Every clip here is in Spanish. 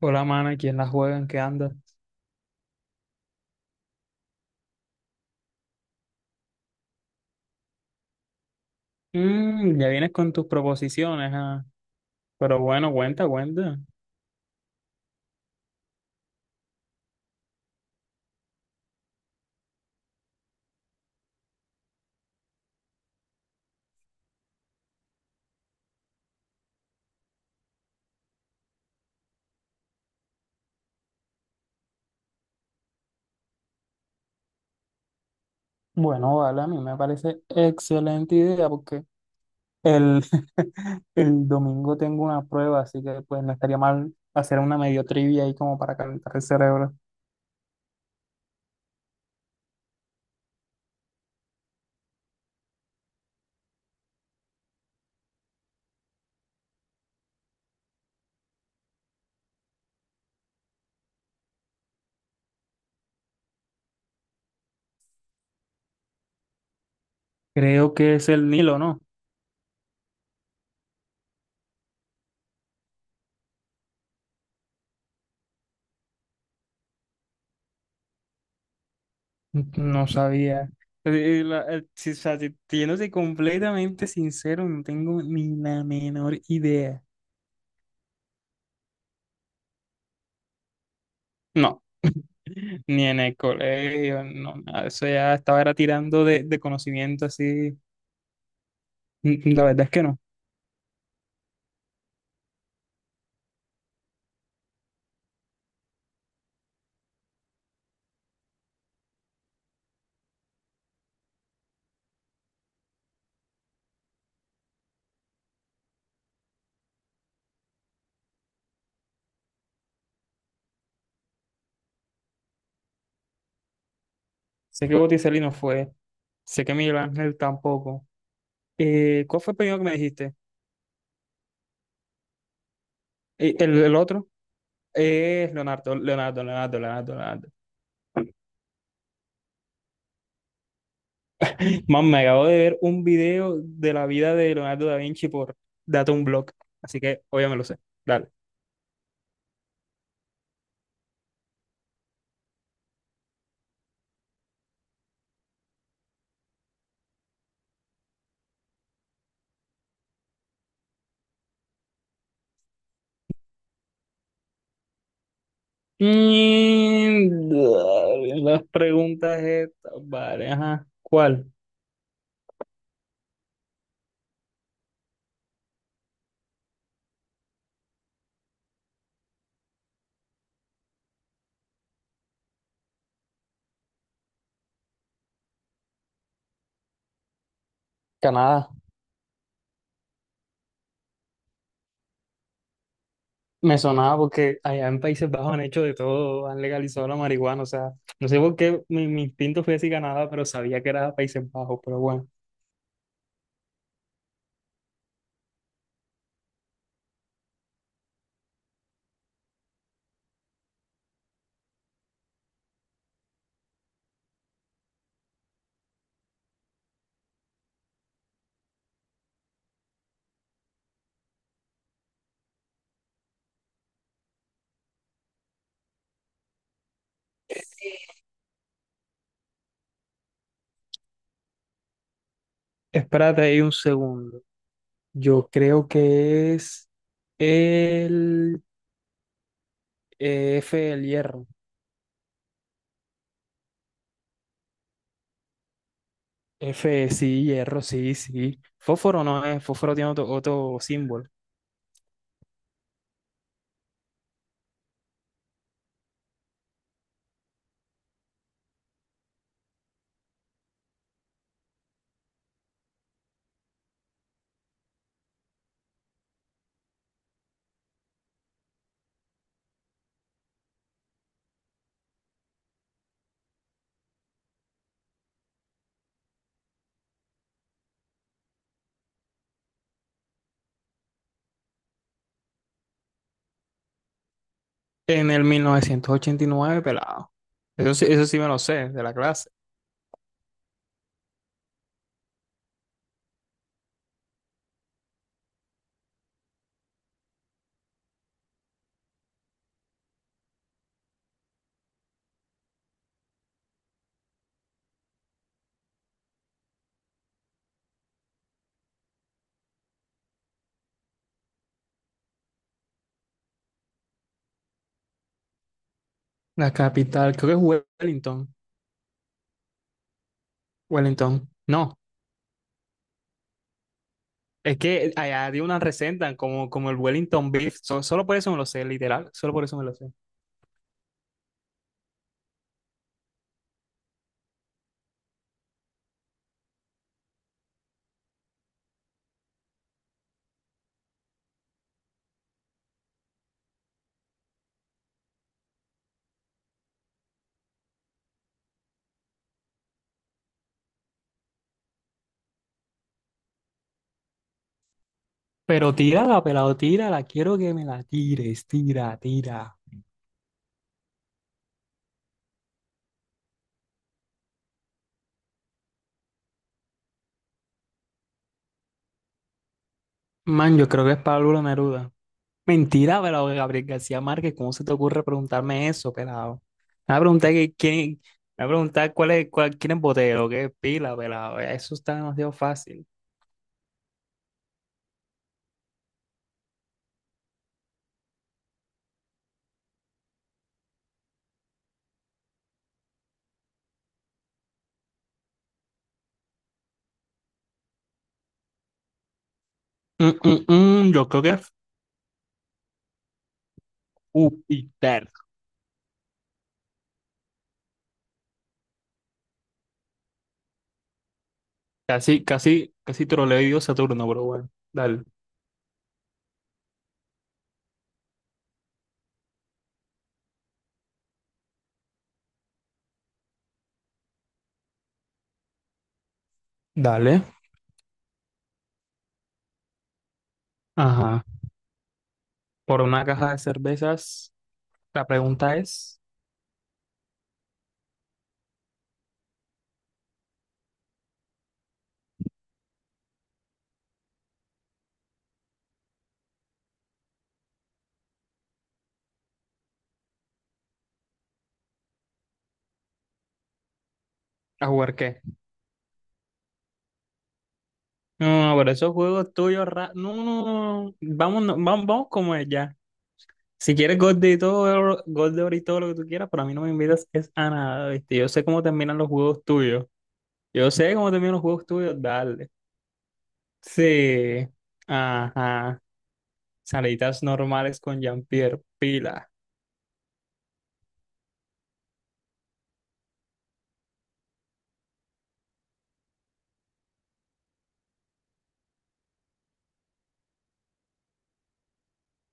Hola, mana, ¿quién la juega? ¿En qué anda? Ya vienes con tus proposiciones, ah. Pero bueno, cuenta, cuenta. Bueno, vale, a mí me parece excelente idea porque el, el domingo tengo una prueba, así que pues no estaría mal hacer una medio trivia ahí como para calentar el cerebro. Creo que es el Nilo, ¿no? No sabía. Si, o sea, siéndote completamente sincero, no tengo ni la menor idea. No, ni en el colegio, no, nada. Eso ya estaba era tirando de conocimiento así. La verdad es que no. Sé que Botticelli no fue. Sé que Miguel Ángel tampoco. ¿Cuál fue el primero que me dijiste? El otro es Leonardo, Leonardo. Man, me acabo de ver un video de la vida de Leonardo da Vinci por Data un blog. Así que obviamente me lo sé. Dale. Dale, las preguntas estas, vale, ajá. ¿Cuál? Canadá. Me sonaba porque allá en Países Bajos han hecho de todo, han legalizado la marihuana, o sea, no sé por qué mi instinto fue decir Canadá, pero sabía que era Países Bajos, pero bueno. Espérate ahí un segundo. Yo creo que es el F, el hierro. F, sí, hierro, sí, sí. Fósforo no es, fósforo tiene otro símbolo. En el 1989 pelado. Eso sí me lo sé, de la clase. La capital, creo que es Wellington. Wellington. No. Es que allá de una resentan como, como el Wellington Beef. Solo por eso me lo sé, literal. Solo por eso me lo sé. Pero tírala, pelado, tírala. Quiero que me la tires. Tira, tira. Man, yo creo que es Pablo Neruda. Mentira, pelado, Gabriel García Márquez. ¿Cómo se te ocurre preguntarme eso, pelado? Me va a preguntar que quién. Me va a preguntar cuál es, cuál, quién es Botero, qué es Pila, pelado. Eso está demasiado fácil. Mm, mm, yo creo que es Júpiter. Casi, casi, casi troleo y digo Saturno, pero bueno. Dale. Dale. Ajá. Por una caja de cervezas, la pregunta es, ¿a jugar qué? No, no, pero esos juegos tuyos, no, no, no, no, vamos, no, vamos, vamos como es ya. Si quieres gold de todo, gold de oro y todo lo que tú quieras, pero a mí no me invitas es a nada, ¿viste? Yo sé cómo terminan los juegos tuyos. Yo sé cómo terminan los juegos tuyos, dale. Sí, ajá. Salidas normales con Jean-Pierre, pila.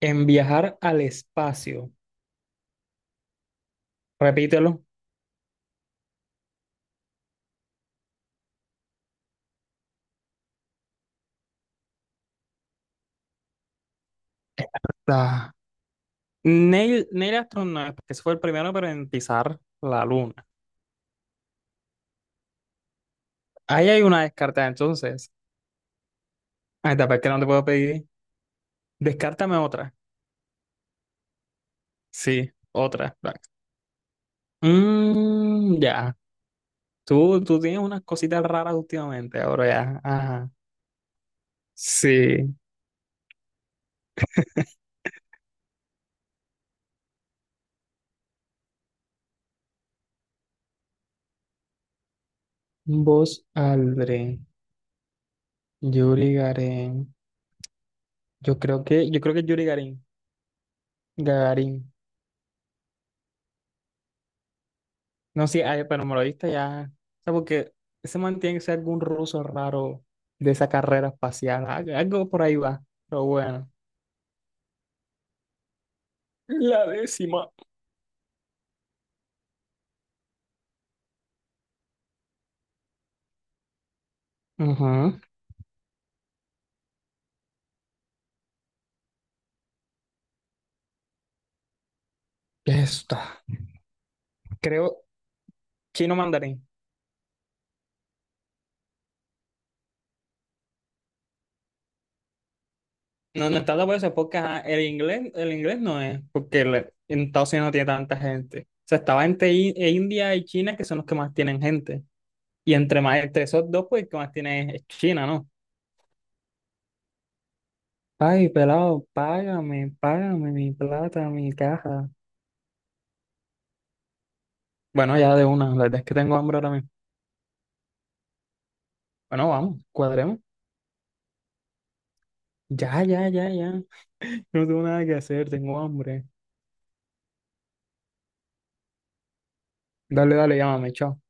En viajar al espacio, repítelo. Neil astronauta, que fue el primero pero en pisar la luna. Ahí hay una descarta, entonces. Ahí está tapé qué no te puedo pedir. Descártame otra. Sí, otra. Va. Ya. Tú tienes unas cositas raras últimamente, ahora ya. Ajá. Sí. Vos, Aldrin, Yuri Gagarin. Yo creo que es Yuri Gagarin. Gagarin. No, sí, ay, pero me lo diste ya. O sea, porque ese man tiene que ser algún ruso raro de esa carrera espacial. Algo por ahí va. Pero bueno. La décima. Ujú. Ya está. Creo chino mandarín. No, no está de acuerdo porque ajá, el inglés no es, porque en Estados Unidos no tiene tanta gente. O sea, estaba entre e India y China, que son los que más tienen gente. Y entre más, entre esos dos, pues el que más tiene es China, ¿no? Ay, pelado, págame, págame mi plata, mi caja. Bueno, ya de una, la verdad es que tengo hambre ahora mismo. Bueno, vamos, cuadremos. Ya. No tengo nada que hacer, tengo hambre. Dale, dale, llámame, chao.